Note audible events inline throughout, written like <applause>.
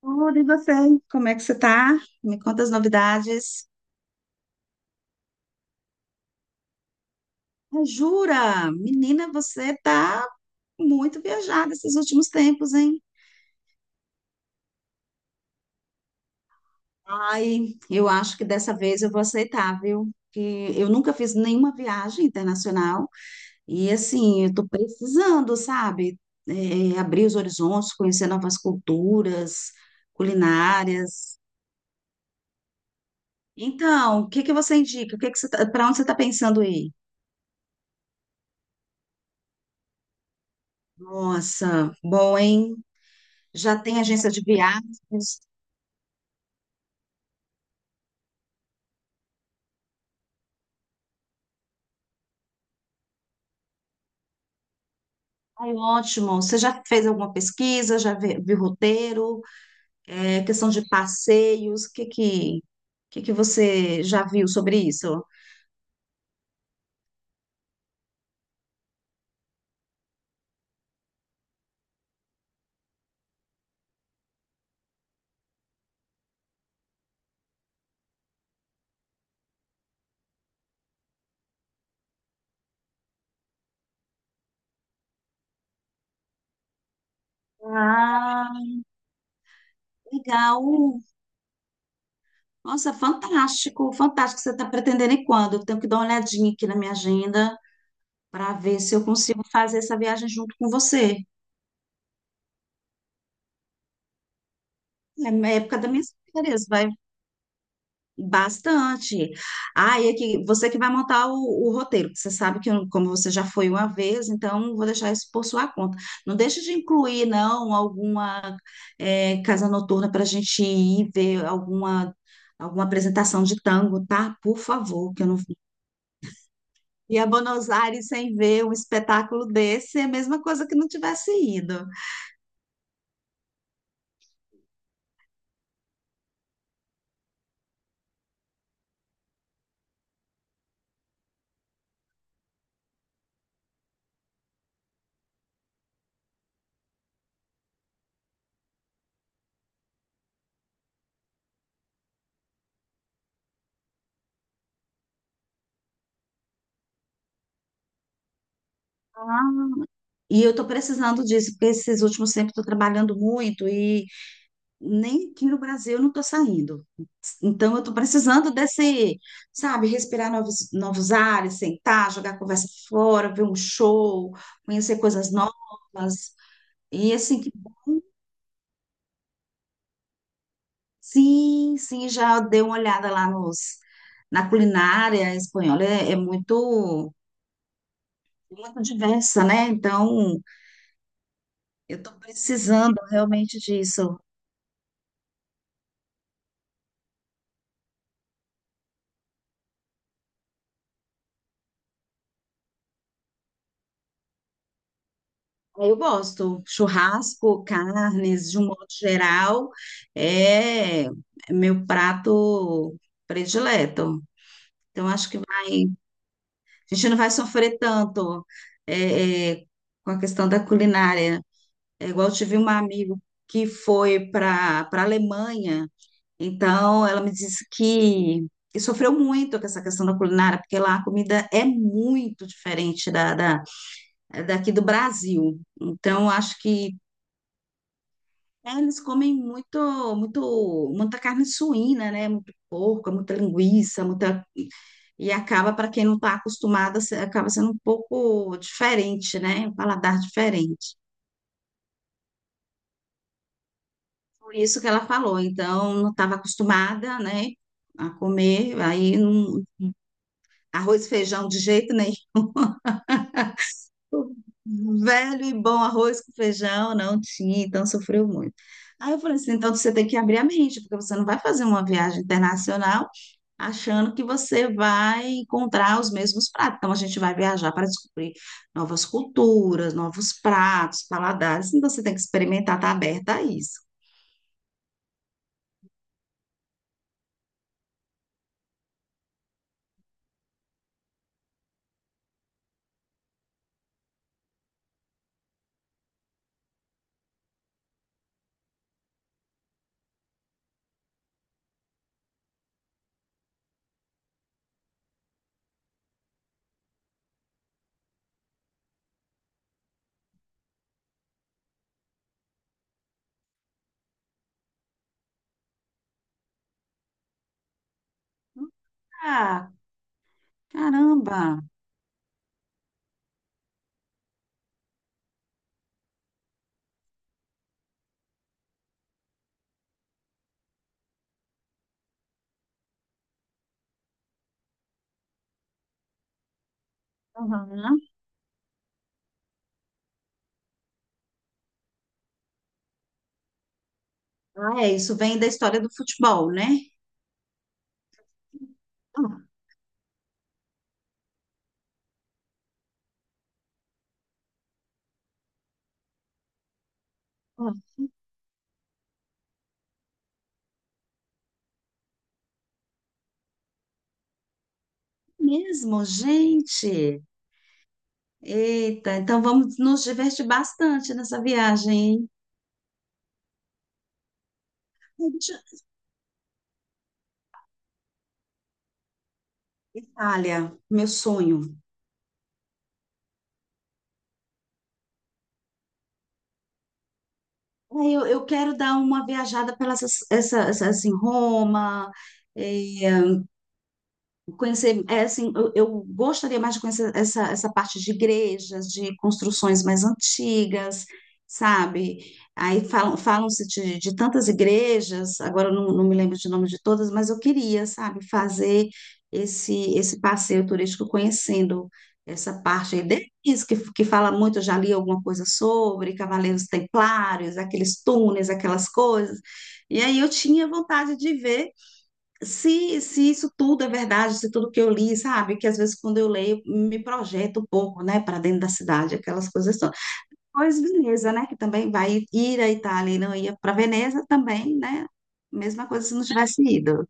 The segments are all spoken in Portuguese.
Tudo, e você? Como é que você tá? Me conta as novidades. Ah, jura? Menina, você tá muito viajada esses últimos tempos, hein? Ai, eu acho que dessa vez eu vou aceitar, viu? Que eu nunca fiz nenhuma viagem internacional e, assim, eu tô precisando, sabe? É, abrir os horizontes, conhecer novas culturas, culinárias. Então, o que que você indica? O que que você tá, para onde você tá pensando aí? Nossa, bom, hein? Já tem agência de viagens. Ai, ótimo. Você já fez alguma pesquisa? Viu roteiro? É, questão de passeios? Que você já viu sobre isso? Ah, legal. Nossa, fantástico, fantástico. Você está pretendendo ir quando? Eu tenho que dar uma olhadinha aqui na minha agenda para ver se eu consigo fazer essa viagem junto com você. É a época das minhas férias, vai. Bastante. Ah, e aqui, você que vai montar o roteiro, porque você sabe que, como você já foi uma vez, então vou deixar isso por sua conta. Não deixe de incluir, não, alguma casa noturna para a gente ir ver alguma, alguma apresentação de tango, tá? Por favor, que eu não. E a Buenos Aires sem ver um espetáculo desse é a mesma coisa que não tivesse ido. Ah. E eu estou precisando disso, porque esses últimos tempos estou trabalhando muito e nem aqui no Brasil eu não estou saindo. Então, eu estou precisando desse, sabe, respirar novos, novos ares, sentar, jogar a conversa fora, ver um show, conhecer coisas novas. E assim, que bom. Sim, sim, já dei uma olhada lá na culinária espanhola. É, é muito, muito diversa, né? Então, eu estou precisando realmente disso. Eu gosto. Churrasco, carnes, de um modo geral, é é meu prato predileto. Então, acho que vai, a gente não vai sofrer tanto é, é, com a questão da culinária. É igual eu tive um amigo que foi para Alemanha, então ela me disse que sofreu muito com essa questão da culinária, porque lá a comida é muito diferente da daqui do Brasil. Então, acho que é, eles comem muito, muito, muita carne suína, né? Muito porco, muita linguiça, muita. E acaba, para quem não está acostumada acaba sendo um pouco diferente, né? Um paladar diferente. Por isso que ela falou. Então, não estava acostumada, né? A comer. Aí, arroz e feijão de jeito nenhum. <laughs> Velho e bom arroz com feijão, não tinha, então sofreu muito. Aí eu falei assim: então você tem que abrir a mente, porque você não vai fazer uma viagem internacional achando que você vai encontrar os mesmos pratos. Então, a gente vai viajar para descobrir novas culturas, novos pratos, paladares. Então, você tem que experimentar, estar aberta a isso. Ah, caramba! Aham. Ah, é, isso vem da história do futebol, né? Ah, ah, mesmo, gente! Eita, então vamos nos divertir bastante nessa viagem, hein? Deixa. Itália, meu sonho. É, eu quero dar uma viajada pelas assim, Roma, eh, conhecer, é, assim, eu gostaria mais de conhecer essa parte de igrejas, de construções mais antigas, sabe? Aí falam-se de tantas igrejas, agora eu não, não me lembro de nome de todas, mas eu queria, sabe, fazer esse passeio turístico conhecendo essa parte aí deles, que fala muito, eu já li alguma coisa sobre Cavaleiros Templários, aqueles túneis, aquelas coisas. E aí eu tinha vontade de ver se isso tudo é verdade, se tudo que eu li, sabe? Que às vezes quando eu leio, me projeto um pouco, né, para dentro da cidade, aquelas coisas todas. Pois Veneza, né, que também vai ir à Itália e não ia para Veneza também, né? Mesma coisa se não tivesse ido.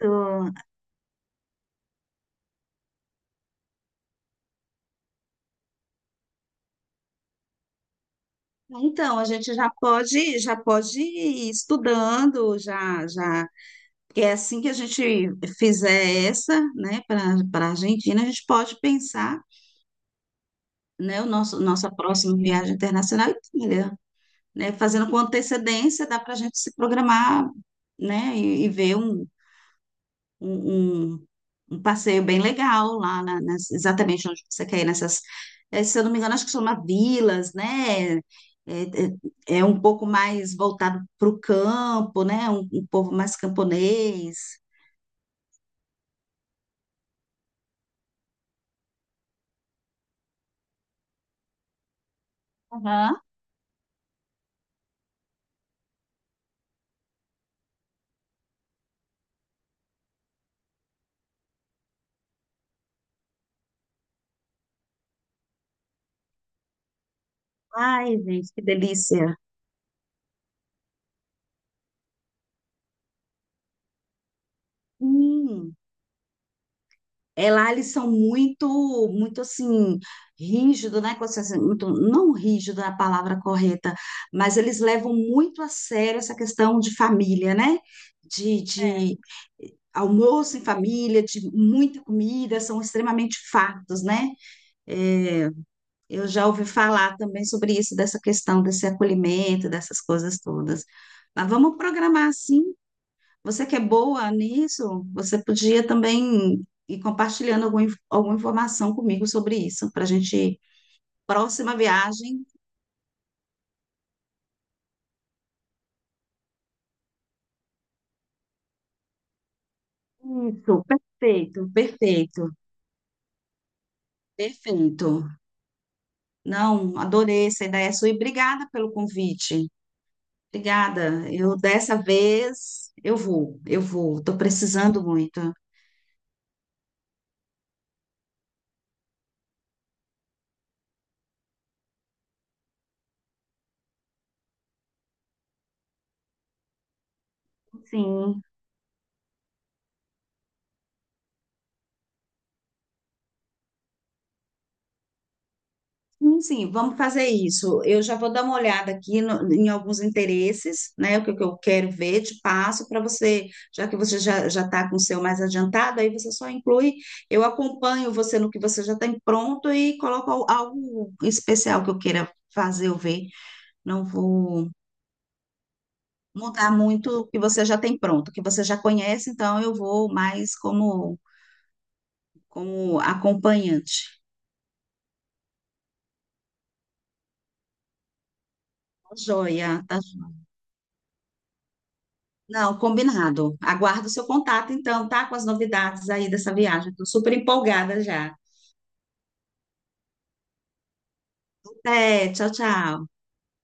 Então, então, a gente já pode ir estudando, porque é assim que a gente fizer essa, né, para a Argentina, a gente pode pensar, né, o nosso nossa próxima viagem internacional à Itália. Né? Fazendo com antecedência, dá para a gente se programar, né? E ver um, um- um passeio bem legal lá, exatamente onde você quer ir, nessas, eh, se eu não me engano, acho que chama vilas, né? É, é um pouco mais voltado para o campo, né? Um povo mais camponês. Aham. Ai, gente, que delícia. Hum. É, lá eles são muito, muito assim, rígido, né? Assim, muito, não rígido é a palavra correta, mas eles levam muito a sério essa questão de família, né? De, é. De almoço em família, de muita comida, são extremamente fartos, né? É, eu já ouvi falar também sobre isso, dessa questão desse acolhimento, dessas coisas todas. Mas vamos programar assim. Você que é boa nisso, você podia também ir compartilhando alguma informação comigo sobre isso, para a gente. Próxima viagem. Isso, perfeito, perfeito, perfeito. Não, adorei essa ideia sua e obrigada pelo convite. Obrigada. Eu dessa vez eu vou, eu vou. Estou precisando muito. Sim. Sim, sim, vamos fazer isso. Eu já vou dar uma olhada aqui em alguns interesses, né? Que eu quero ver, te passo para você, já que você já está com o seu mais adiantado, aí você só inclui, eu acompanho você no que você já tem pronto e coloco algo especial que eu queira fazer ou ver. Não vou mudar muito o que você já tem pronto, o que você já conhece, então eu vou mais como acompanhante. Joia, tá. Não, combinado. Aguardo o seu contato, então, tá? Com as novidades aí dessa viagem. Estou super empolgada já. Até, tchau, tchau.